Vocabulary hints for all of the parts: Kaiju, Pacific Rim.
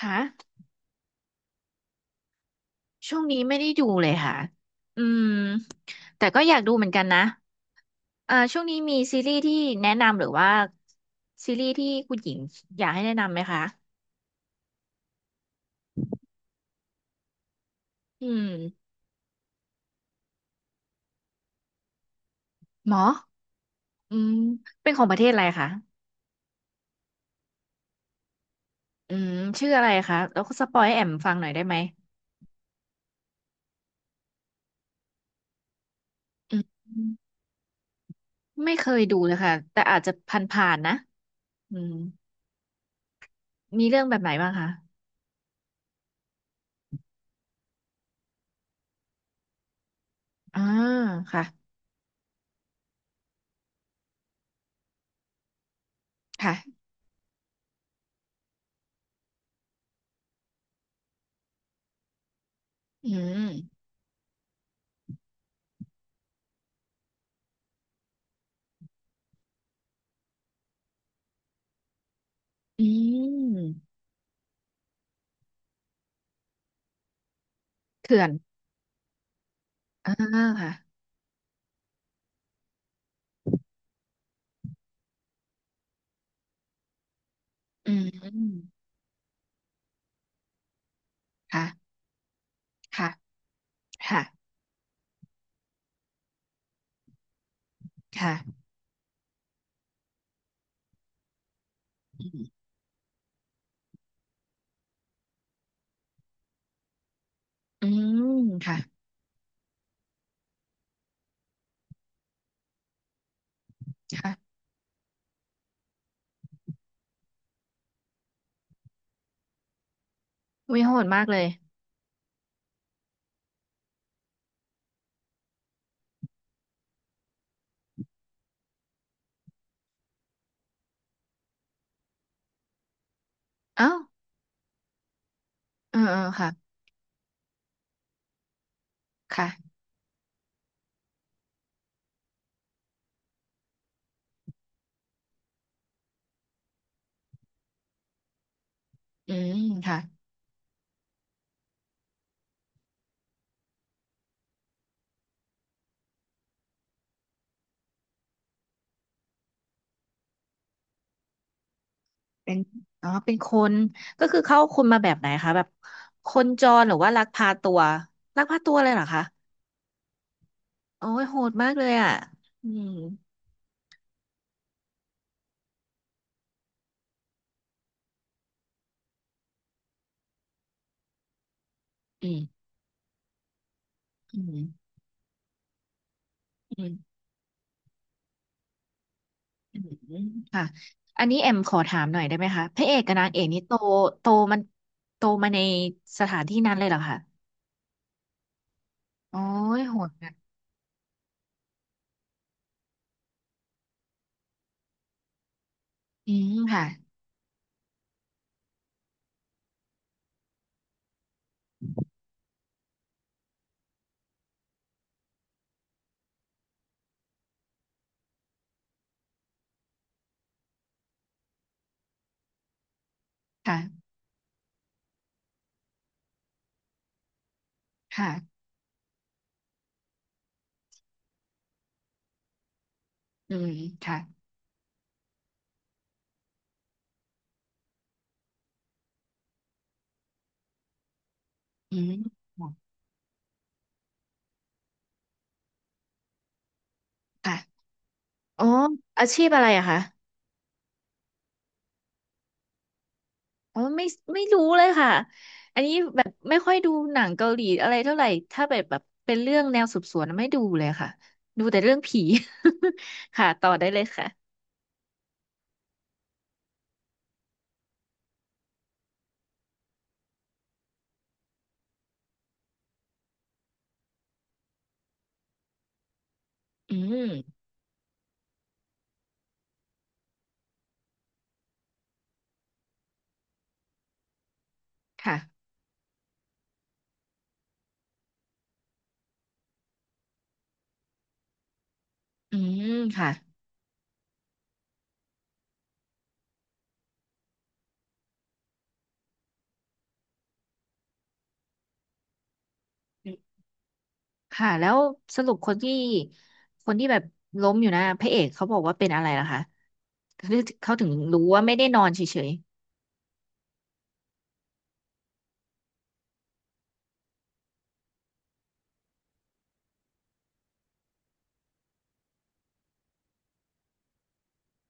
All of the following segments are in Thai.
ค่ะช่วงนี้ไม่ได้ดูเลยค่ะอืมแต่ก็อยากดูเหมือนกันนะช่วงนี้มีซีรีส์ที่แนะนำหรือว่าซีรีส์ที่คุณหญิงอยากให้แนะนำไหมคะอืมหมออืมเป็นของประเทศอะไรคะอืมชื่ออะไรคะแล้วก็สปอยให้แอมฟังหน่อยได้ไหมอืมไม่เคยดูเลยค่ะแต่อาจจะผ่านๆนะอืมมีเรื่องแบบไหนบ้างคะอ่าค่ะค่ะอืมอืมเขื่อนอ่าค่ะ อืมค่ะค่ะค่ะค่ะอืมอืมค่ะค่ะวิโหดมากเลยเอ้าเออเออค่ะค่ะอืมค่ะเป็นอ๋อเป็นคนก็คือเข้าคนมาแบบไหนคะแบบคนจรหรือว่าลักพาตัวลักพาตัวเลยเหรอคะโอ้ยโหดมากเลยอ่ะอืมอืมอืมอืมอืมค่ะอันนี้แอมขอถามหน่อยได้ไหมคะพระเอกกับนางเอกนี่โตโตมันโตมาในสถานที่นั้นเลยเหรอคะ โอ้ยโหดอะอืมค่ะค่ะค่ะอืมค่ะอืมโหดค่ะอ๋ออาชีพอะไรอะคะอ๋อไม่รู้เลยค่ะอันนี้แบบไม่ค่อยดูหนังเกาหลีอะไรเท่าไหร่ถ้าแบบเป็นเรื่องแนวสืบสวนไม่ดูเลยค่ะดูแต่เรื่องผี ค่ะต่อได้เลยค่ะอืมค่ะอืมค่ะค่ะแล้วสรุปคนที่คนที่แบบล้มอยู่นะพระเอกเขาบอกว่าเป็นอะไรล่ะคะเขาถึงรู้ว่าไม่ได้นอนเฉย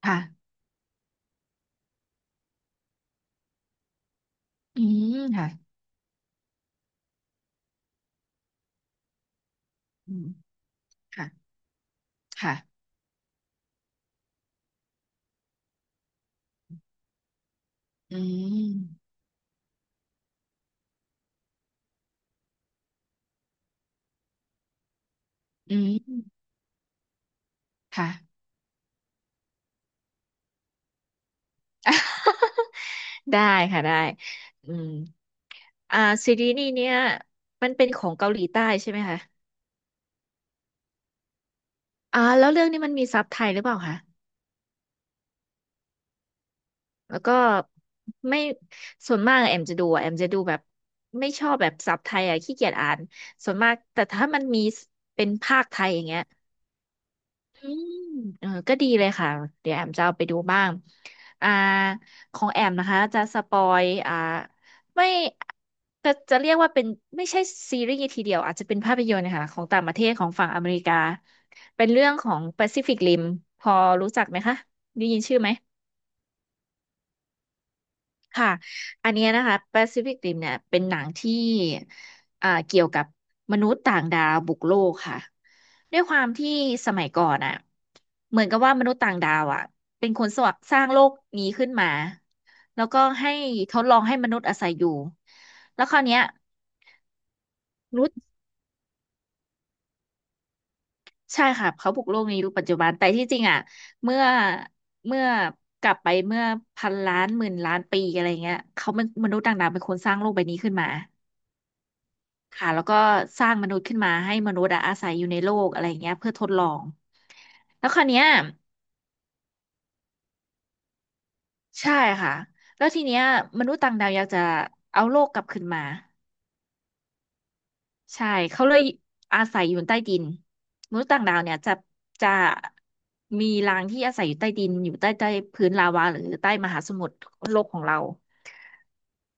ค่ะอืมค่ะอืมค่ะ ค่ะอืมอืมค่ะ ได้ค่ะได้อืมอ่าซีรีส์นี้เนี่ยมันเป็นของเกาหลีใต้ใช่ไหมคะอ่าแล้วเรื่องนี้มันมีซับไทยหรือเปล่าคะ แล้วก็ไม่ ส่วนมากแอมจะดูอะแอมจะดูแบบไม่ชอบแบบซับไทยอ่ะขี้เกียจอ่านส่วนมาก แต่ถ้ามันมีเป็นภาคไทยอย่างเงี้ย อืมเออก็ดีเลยค่ะ เดี๋ยวแอมจะเอาไปดูบ้างอ่าของแอมนะคะ จะสปอยอ่าไม่จะเรียกว่าเป็นไม่ใช่ซีรีส์ทีเดียว อาจจะเป็นภาพยนตร์นะคะของต่างประเทศของฝั่งอเมริกา เป็นเรื่องของ Pacific Rim พอรู้จักไหมคะได้ยินชื่อไหม ค่ะ อันเนี้ยนะคะ Pacific Rim เนี่ยเป็นหนังที่อ่าเกี่ยวกับมนุษย์ต่างดาวบุกโลกค่ะ ด้วยความที่สมัยก่อนอ่ะเหมือนกับว่ามนุษย์ต่างดาวอ่ะเป็นคนสวสร้างโลกนี้ขึ้นมา แล้วก็ให้ทดลองให้มนุษย์อาศัยอยู่ แล้วคราวเนี้ยมนุษย์ใช่ค่ะ เขาบุกโลกนี้รปัจจุบันแต่ที่จริงอ่ะเมื่อเมื่อกลับไปเมื่อพันล้านหมื่นล้านปีอะไรเงี้ยเขาเป็นมนุษย์ต่างดาวเป็นคนสร้างโลกใบนี้ขึ้นมา ค่ะแล้วก็สร้างมนุษย์ขึ้นมาให้มนุษย์อะอาศัยอยู่ในโลกอะไรอย่างเงี้ยเพื่อทดลองแล้วคราวเนี้ยใช่ค่ะแล้วทีเนี้ยมนุษย์ต่างดาวอยากจะเอาโลกกลับขึ้นมาใช่เขาเลยอาศัยอยู่ใต้ดินมนุษย์ต่างดาวเนี่ยจะมีรังที่อาศัยอยู่ใต้ดินอยู่ใต้พื้นลาวาหรือใต้มหาสมุทรโลกของเรา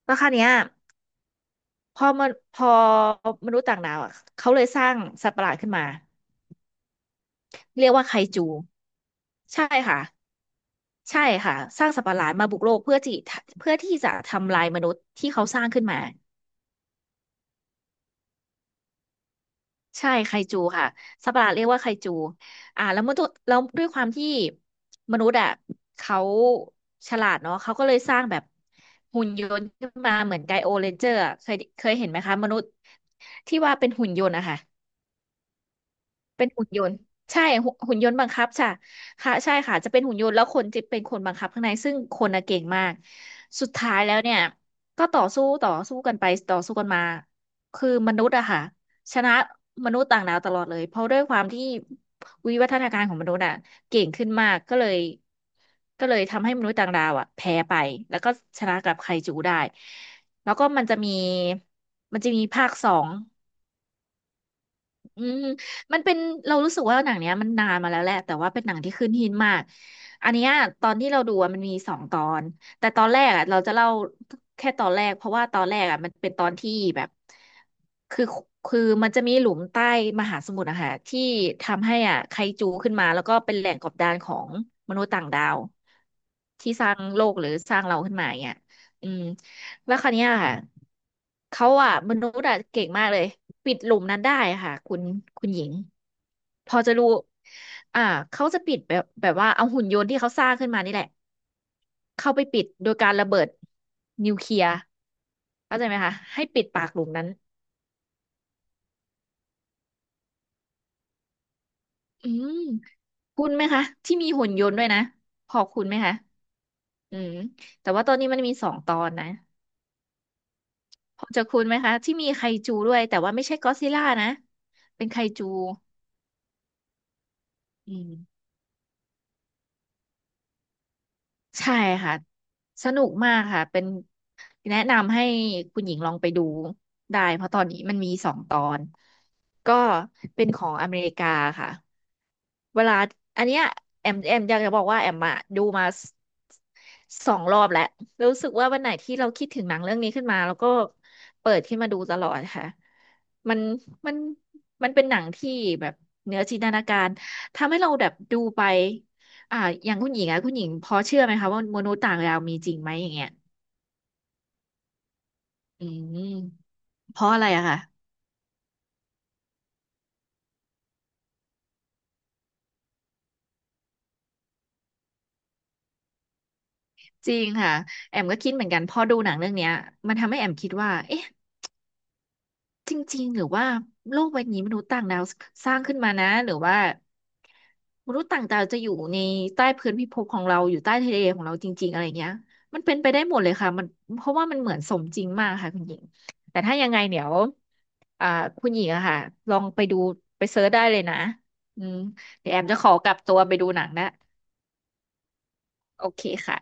แล้วคราวเนี้ยพอมนุษย์ต่างดาวอ่ะเขาเลยสร้างสัตว์ประหลาดขึ้นมาเรียกว่าไคจูใช่ค่ะ ใช่ค่ะสร้างสัตว์ประหลาดมาบุกโลกเพื่อที่จะทำลายมนุษย์ที่เขาสร้างขึ้นมาใช่ไคจูค่ะสัตว์ประหลาดเรียกว่าไคจูอ่าแล้วมนุษย์แล้วด้วยความที่มนุษย์อ่ะเขาฉลาดเนาะเขาก็เลยสร้างแบบหุ่นยนต์ขึ้นมาเหมือนไกโอเรนเจอร์อะเคยเห็นไหมคะมนุษย์ที่ว่าเป็นหุ่นยนต์อะค่ะ เป็นหุ่นยนต์ใช่หุ่นยนต์บังคับค่ะค่ะใช่ค่ะจะเป็นหุ่นยนต์แล้วคนจะเป็นคนบังคับข้างในซึ่งคนน่ะเก่งมากสุดท้ายแล้วเนี่ยก็ต่อสู้กันไปต่อสู้กันมาคือมนุษย์อะค่ะชนะมนุษย์ต่างดาวตลอดเลยเพราะด้วยความที่วิวัฒนาการของมนุษย์อะเก่งขึ้นมากก็เลยทำให้มนุษย์ต่างดาวอะแพ้ไปแล้วก็ชนะกับไคจูได้แล้วก็มันจะมีภาค 2 อืมมันเป็นเรารู้สึกว่าหนังเนี้ยมันนานมาแล้วแหละแต่ว่าเป็นหนังที่ขึ้นหินมากอันเนี้ยตอนที่เราดูอะมันมีสองตอนแต่ตอนแรกอ่ะเราจะเล่าแค่ตอนแรกเพราะว่าตอนแรกอ่ะมันเป็นตอนที่แบบคือคือมันจะมีหลุมใต้มหาสมุทรอะค่ะที่ทำให้อ่ะไคจูขึ้นมาแล้วก็เป็นแหล่งกบดานของมนุษย์ต่างดาวที่สร้างโลกหรือสร้างเราขึ้นมาอย่างเนี้ยอืมแล้วคราวเนี้ยค่ะ เขาอ่ะมนุษย์อ่ะเก่งมากเลยปิดหลุมนั้นได้ค่ะคุณหญิงพอจะรู้อ่าเขาจะปิดแบบว่าเอาหุ่นยนต์ที่เขาสร้างขึ้นมานี่แหละเข้าไปปิดโดยการระเบิดนิวเคลียร์เข้าใจไหมคะให้ปิดปากหลุมนั้นอืมคุณไหมคะที่มีหุ่นยนต์ด้วยนะพอคุณไหมคะอืมแต่ว่าตอนนี้มันมีสองตอนนะพอจะคุณไหมคะที่มีไคจูด้วยแต่ว่าไม่ใช่ก็อดซิลล่านะเป็นไคจูอืม ใช่ค่ะสนุกมากค่ะเป็นแนะนำให้คุณหญิงลองไปดูได้เพราะตอนนี้มันมีสองตอนก็เป็นของอเมริกาค่ะเวลาอันเนี้ยแอมอยากจะบอกว่าแอมอะดูมาส2 รอบแล้วรู้สึกว่าวันไหนที่เราคิดถึงหนังเรื่องนี้ขึ้นมาแล้วก็เปิดขึ้นมาดูตลอดค่ะมันมันมันเป็นหนังที่แบบเหนือจินตนาการทำให้เราแบบดูไป อ่าอย่างคุณหญิงอะคุณหญิงพอเชื่อไหมคะว่ามนุษย์ต่างดาวมีจริงไหมอย่างเงี้ยอืมเพราะอะไรอะค่ะจริงค่ะแอมก็คิดเหมือนกันพอดูหนังเรื่องเนี้ยมันทำให้แอมคิดว่าเอ๊ะ จริงๆหรือว่าโลกใบนี้มนุษย์ต่างดาวสร้างขึ้นมานะหรือว่ามนุษย์ต่างดาวจะอยู่ในใต้พื้นพิภพของเราอยู่ใต้ทะเลของเราจริงๆอะไรเงี้ยมันเป็นไปได้หมดเลยค่ะมันเพราะว่ามันเหมือนสมจริงมากค่ะคุณหญิงแต่ถ้ายังไงเดี๋ยวอ่าคุณหญิงอะค่ะลองไปดูไปเซิร์ชได้เลยนะอืมเดี๋ยวแอมจะขอกลับตัวไปดูหนังนะโอเคค่ะ